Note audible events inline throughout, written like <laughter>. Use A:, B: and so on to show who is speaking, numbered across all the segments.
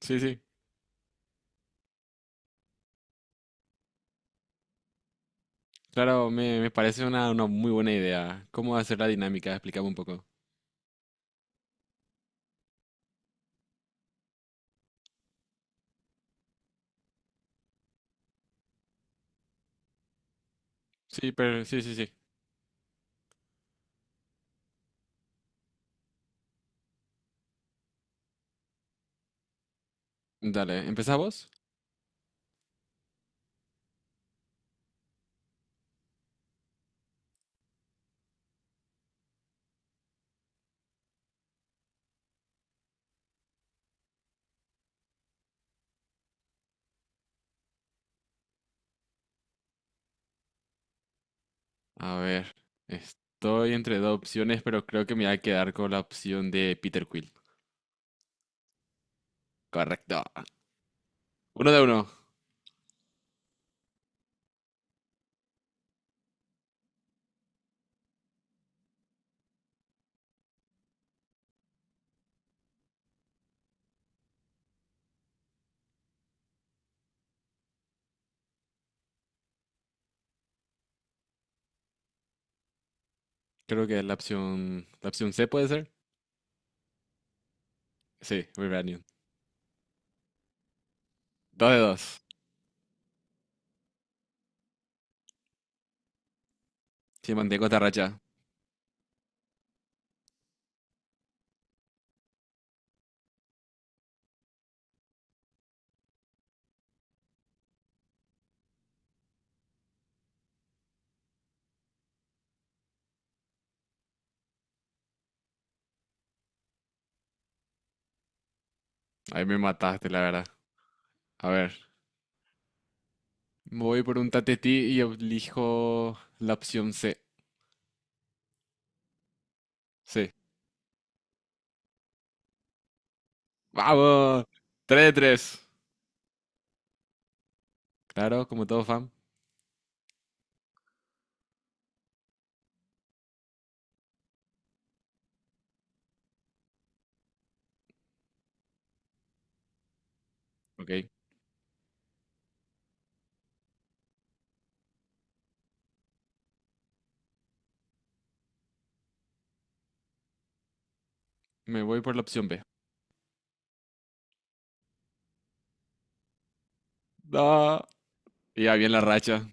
A: Sí, sí, claro, me parece una muy buena idea. ¿Cómo hacer la dinámica? Explícame un poco. Sí, pero sí, sí, sí. Dale, ¿empezamos? A ver, estoy entre dos opciones, pero creo que me voy a quedar con la opción de Peter Quill. Correcto. Uno de uno. Creo que es la opción C puede ser. Sí, Vibranium. Dos de dos. Sí, mantengo esta racha. Ahí me mataste, la verdad. A ver, voy por un tatetí y elijo la opción C. Sí. ¡Vamos! Tres de tres. Claro, como todo fan. Ok. Me voy por la opción B. No. Y ya bien la racha.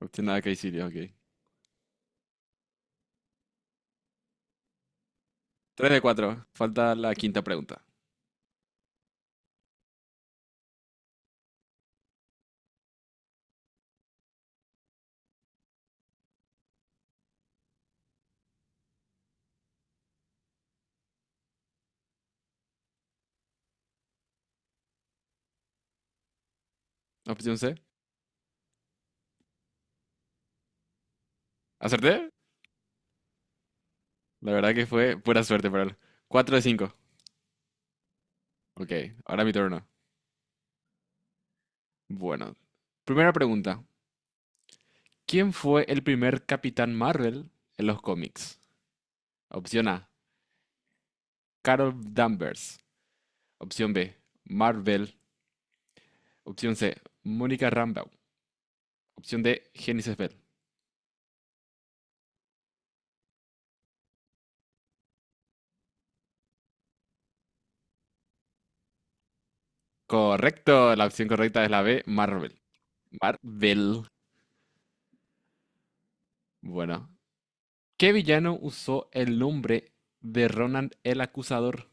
A: Opción A, Caecilio, ok. 3 de 4, falta la quinta pregunta. Opción C. ¿Acerté? La verdad que fue pura suerte para él. Cuatro de cinco, ok, ahora mi turno. Bueno. Primera pregunta. ¿Quién fue el primer Capitán Marvel en los cómics? Opción A. Carol Danvers. Opción B. Marvel. Opción C. Mónica Rambeau. Opción D. Genesis Bell. Correcto, la opción correcta es la B, Marvel. Marvel. Bueno. ¿Qué villano usó el nombre de Ronan el Acusador?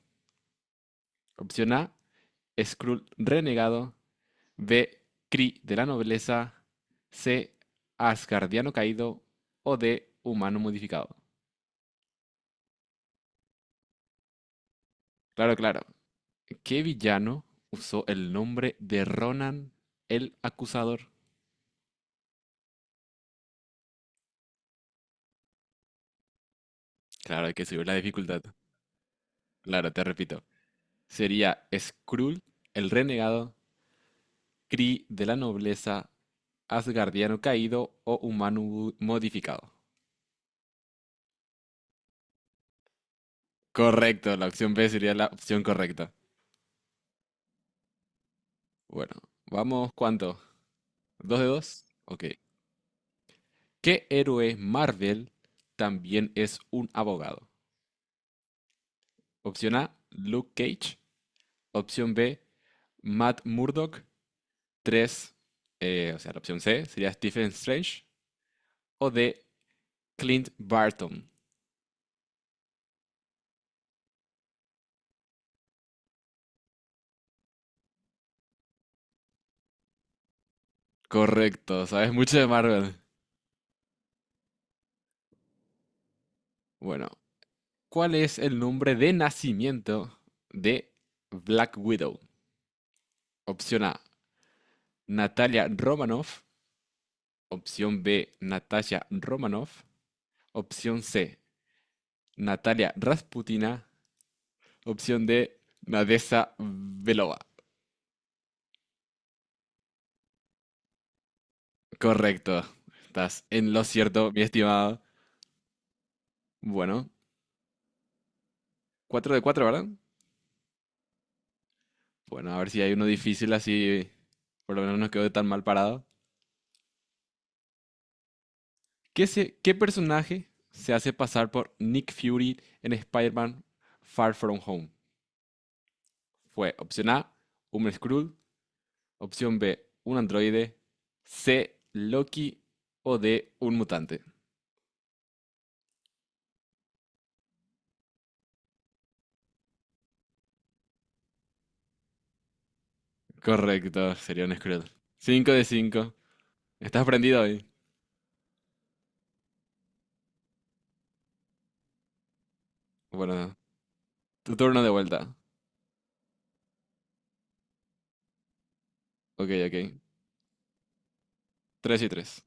A: Opción A, Skrull Renegado. B, Kree de la Nobleza. C, Asgardiano Caído. O D, Humano Modificado. Claro, claro. ¿Qué villano usó el nombre de Ronan el Acusador? Claro, hay que subir la dificultad. Claro, te repito. Sería Skrull el Renegado. Kree de la nobleza asgardiano caído o humano modificado. Correcto, la opción B sería la opción correcta. Bueno, vamos, ¿cuánto? ¿Dos de dos? Ok. ¿Qué héroe Marvel también es un abogado? Opción A, Luke Cage. Opción B, Matt Murdock. 3, o sea, la opción C sería Stephen Strange. O D, Clint Barton. Correcto, sabes mucho de Marvel. Bueno, ¿cuál es el nombre de nacimiento de Black Widow? Opción A, Natalia Romanoff. Opción B, Natasha Romanoff. Opción C, Natalia Rasputina. Opción D, Nadesa Belova. Correcto. Estás en lo cierto, mi estimado. Bueno, cuatro de cuatro, ¿verdad? Bueno, a ver si hay uno difícil así. Por lo menos no quedó tan mal parado. ¿ qué personaje se hace pasar por Nick Fury en Spider-Man Far From Home? Fue opción A, un Skrull, opción B, un androide, C, Loki o D, un mutante. Correcto, sería un Skrull. 5 de 5. ¿Estás prendido hoy? Bueno, tu turno de vuelta. Ok, ok. 3 y tres.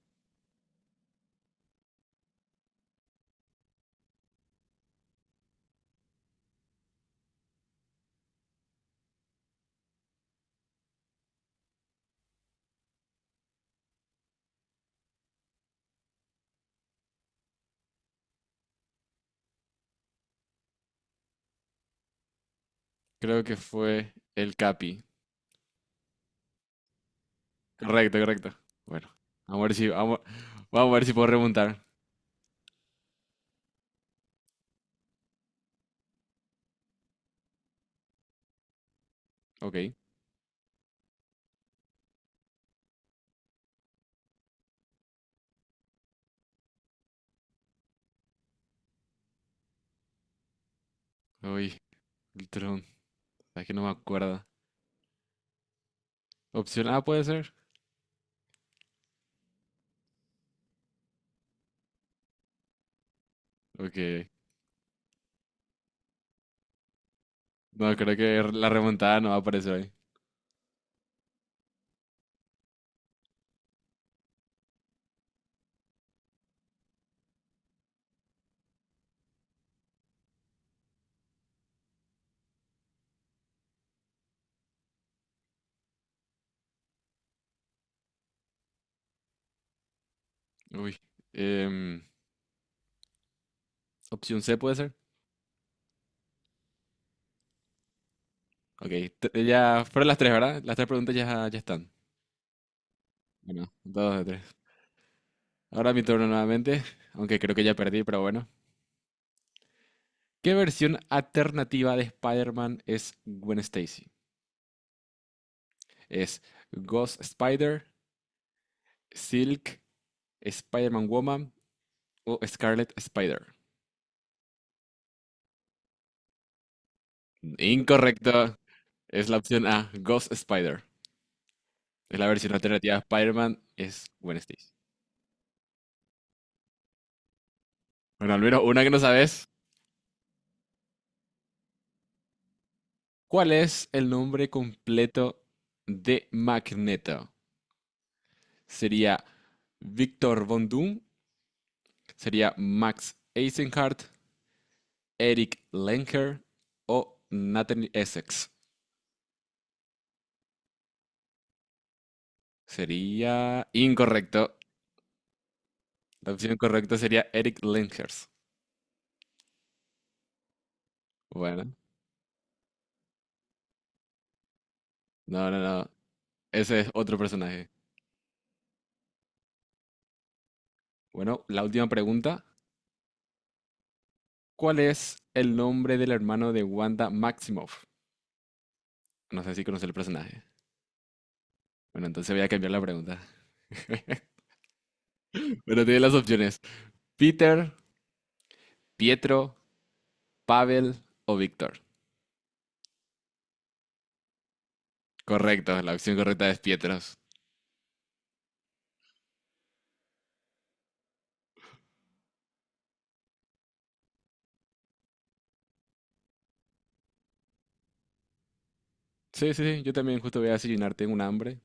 A: Creo que fue el Capi. Correcto, correcto. Bueno, vamos a ver si, vamos, vamos a ver si puedo remontar. Ok. Uy, el tron. Es que no me acuerdo. Opción A puede ser. Ok. No, creo que la remontada no va a aparecer ahí. Uy. Em, opción C puede ser. Ok. Ya fueron las tres, ¿verdad? Las tres preguntas ya están. Bueno, dos de tres. Ahora mi turno nuevamente, aunque creo que ya perdí, pero bueno. ¿Qué versión alternativa de Spider-Man es Gwen Stacy? ¿Es Ghost Spider, Silk, Spider-Man Woman o Scarlet Spider? Incorrecto. Es la opción A, Ghost Spider. Es la versión alternativa de Spider-Man, es Gwen Stacy. Bueno, al menos una que no sabes. ¿Cuál es el nombre completo de Magneto? ¿Sería Victor Von Doom? ¿Sería Max Eisenhardt? ¿Eric Lenker? ¿O Nathan Essex? Sería incorrecto. La opción correcta sería Eric Lenkers. Bueno, no, no, no. Ese es otro personaje. Bueno, la última pregunta. ¿Cuál es el nombre del hermano de Wanda Maximoff? No sé si conoce el personaje. Bueno, entonces voy a cambiar la pregunta. <laughs> Bueno, tiene las opciones. Peter, Pietro, Pavel o Víctor. Correcto, la opción correcta es Pietros. Sí, sí, sí, yo también justo voy a desayunar, tengo un hambre.